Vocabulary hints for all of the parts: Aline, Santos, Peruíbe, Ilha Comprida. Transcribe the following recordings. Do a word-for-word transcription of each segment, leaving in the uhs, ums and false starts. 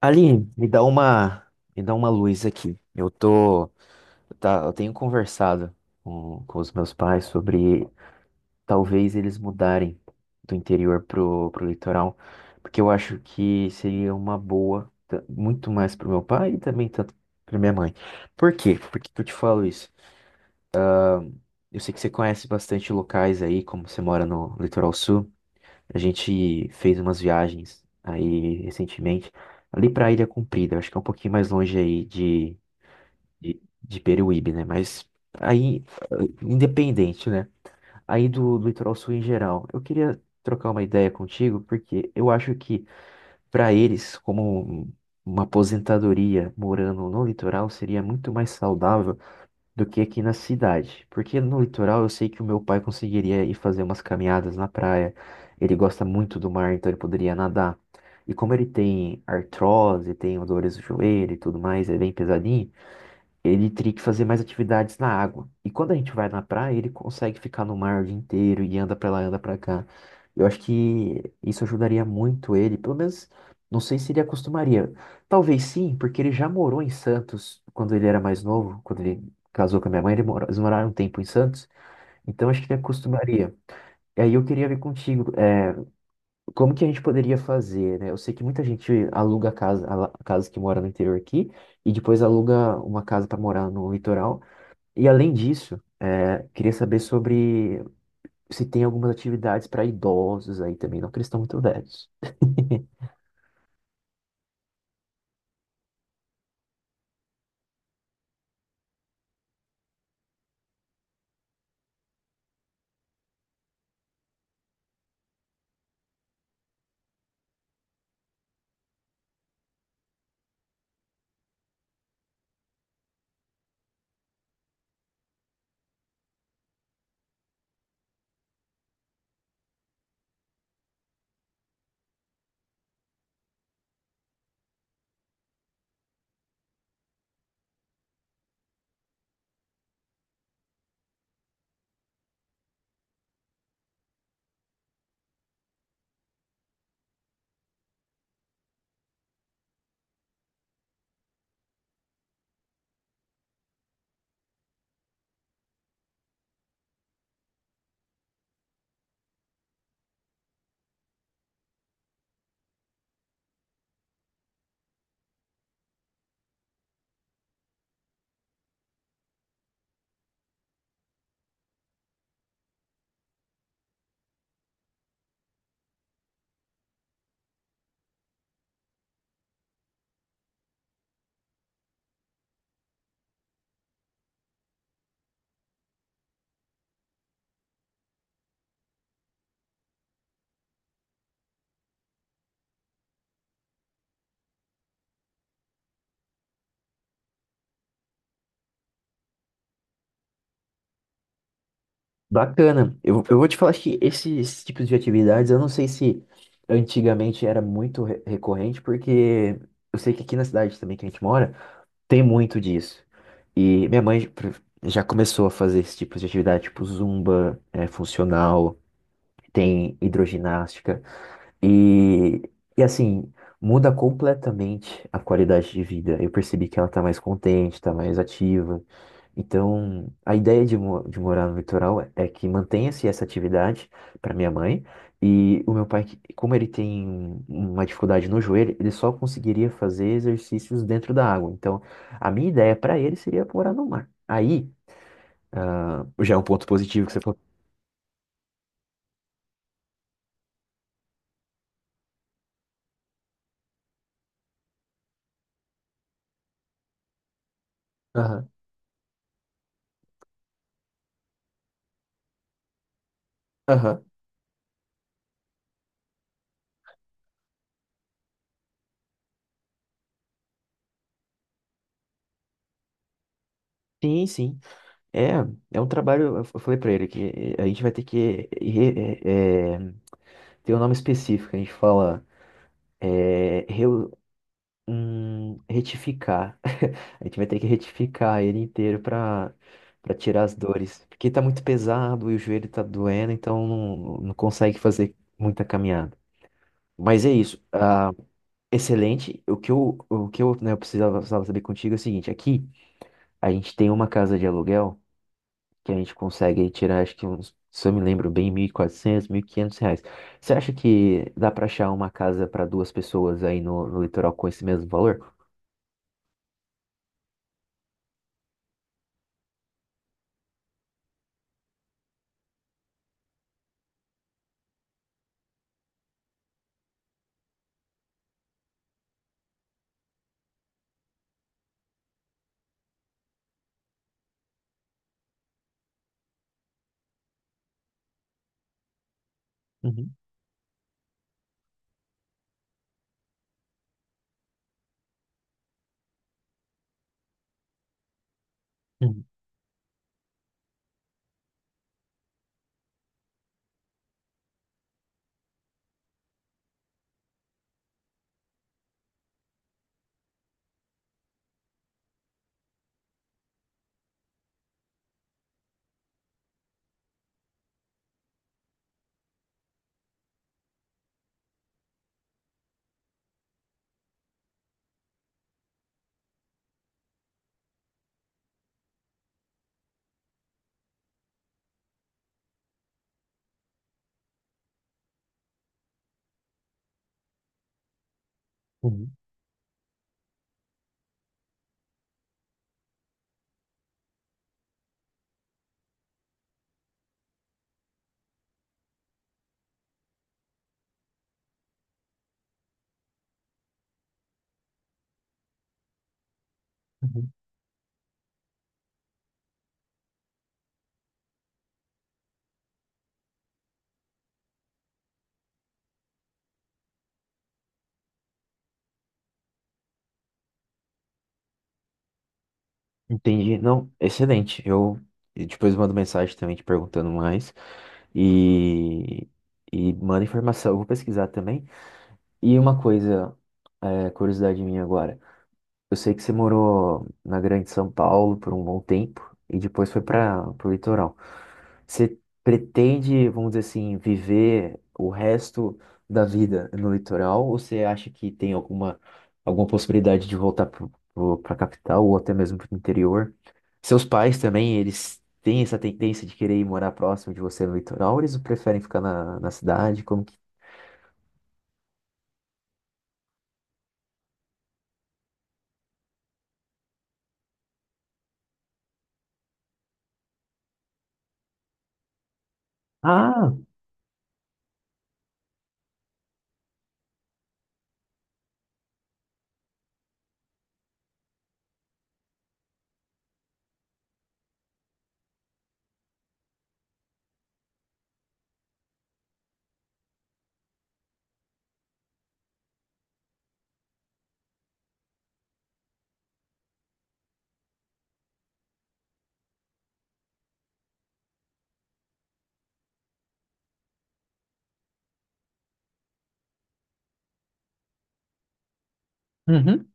Aline, me dá uma, me dá uma luz aqui. Eu tô, tá, eu tenho conversado com, com os meus pais sobre talvez eles mudarem do interior pro, pro litoral, porque eu acho que seria uma boa, ta- muito mais pro meu pai e também tanto pra minha mãe. Por quê? Por que que eu te falo isso? Eu sei que você conhece bastante locais aí, como você mora no litoral sul. A gente fez umas viagens aí recentemente, ali pra Ilha Comprida, acho que é um pouquinho mais longe aí de, de, de Peruíbe, né? Mas aí, eh, independente, né? Aí do, do litoral sul em geral, eu queria trocar uma ideia contigo, porque eu acho que pra eles, como um- uma aposentadoria morando no litoral, seria muito mais saudável do que aqui na cidade. Porque no litoral eu sei que o meu pai conseguiria ir fazer umas caminhadas na praia. Ele gosta muito do mar, então ele poderia nadar. E como ele tem artrose, tem dores no joelho e tudo mais, é bem pesadinho, ele teria que fazer mais atividades na água. E quando a gente vai na praia, ele consegue ficar no mar o dia inteiro e anda pra lá, anda pra cá. Eu acho que isso ajudaria muito ele, pelo menos não sei se ele acostumaria. Talvez sim, porque ele já morou em Santos quando ele era mais novo, quando ele casou com a minha mãe, ele morou, eles moraram um tempo em Santos, então acho que ele acostumaria. E aí eu queria ver contigo, é, como que a gente poderia fazer, né? Eu sei que muita gente aluga casa, ala- casa que mora no interior aqui, e depois aluga uma casa para morar no litoral. E além disso, é, queria saber sobre se tem algumas atividades para idosos aí também, não que eles estão muito velhos. Bacana. Eu, eu vou te falar que esses tipos de atividades, eu não sei se antigamente era muito re- recorrente, porque eu sei que aqui na cidade também que a gente mora, tem muito disso. E minha mãe pr- já começou a fazer esse tipo de atividade, tipo zumba, é, funcional, tem hidroginástica. E, e assim, muda completamente a qualidade de vida. Eu percebi que ela tá mais contente, tá mais ativa. Então, a ideia de, mo- de morar no litoral é, é, que mantenha-se essa atividade para minha mãe. E o meu pai, que- como ele tem uma dificuldade no joelho, ele só conseguiria fazer exercícios dentro da água. Então, a minha ideia para ele seria morar no mar. Aí, ah, já é um ponto positivo que você falou. Aham, aham. Sim, sim. É, é um trabalho. Eu falei pra ele que eh, a gente vai ter que re- é, ter um nome específico. A gente fala é, reu- hum, retificar. A gente vai ter que retificar ele inteiro pra para tirar as dores, porque tá muito pesado e o joelho tá doendo, então não, não consegue fazer muita caminhada. Mas é isso. Ah, excelente. O que eu, o que eu, né, eu precisava, precisava saber contigo é o seguinte: aqui a gente tem uma casa de aluguel que a gente consegue tirar, acho que uns, se eu me lembro bem, mil e quatrocentos, quinhentos reais. Você acha que dá para achar uma casa para duas pessoas aí no, no litoral com esse mesmo valor? Uhum, uhum, uhum, uhum. Entendi. Não, excelente. Eu E depois mando mensagem também te perguntando mais e, e mando informação. Eu vou pesquisar também. E uma coisa, é, curiosidade minha agora. Eu sei que você morou na Grande São Paulo por um bom tempo e depois foi para o litoral. Você pretende, vamos dizer assim, viver o resto da vida no litoral ou você acha que tem alguma, alguma, possibilidade de voltar para a capital ou até mesmo para o interior? Seus pais também, eles têm essa tendência de querer ir morar próximo de você no litoral ou eles preferem ficar na, na cidade? Como que... Ah, uhum.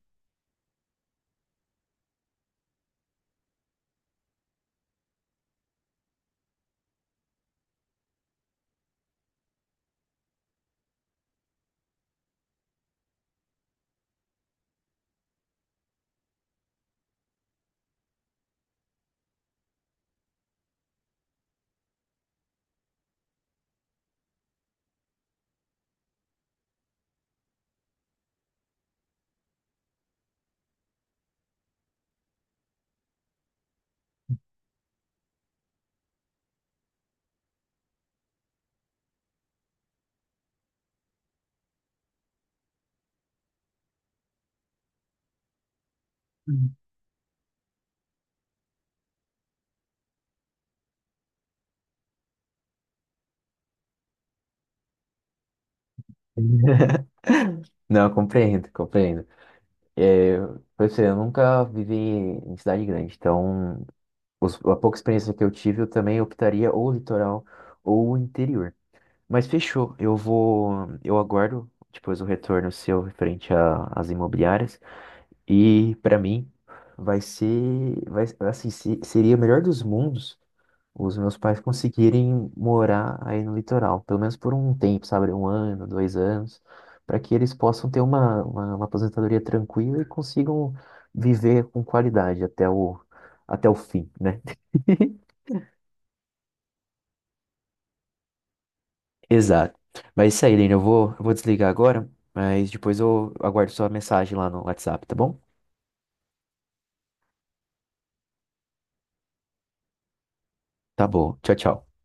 Não, compreendo, compreendo. É, por isso, eu nunca vivi em cidade grande, então os- a pouca experiência que eu tive, eu também optaria ou o litoral ou o interior. Mas fechou, eu vou, eu aguardo depois o retorno seu referente a- às imobiliárias e para mim vai ser, vai, assim, se- seria o melhor dos mundos os meus pais conseguirem morar aí no litoral, pelo menos por um tempo, sabe? Um ano, dois anos, para que eles possam ter uma, uma, uma aposentadoria tranquila e consigam viver com qualidade até o, até o fim, né? Exato. Mas é isso aí, Lina, eu vou, eu vou desligar agora, mas depois eu aguardo sua mensagem lá no WhatsApp, tá bom? Tá bom. Tchau, tchau.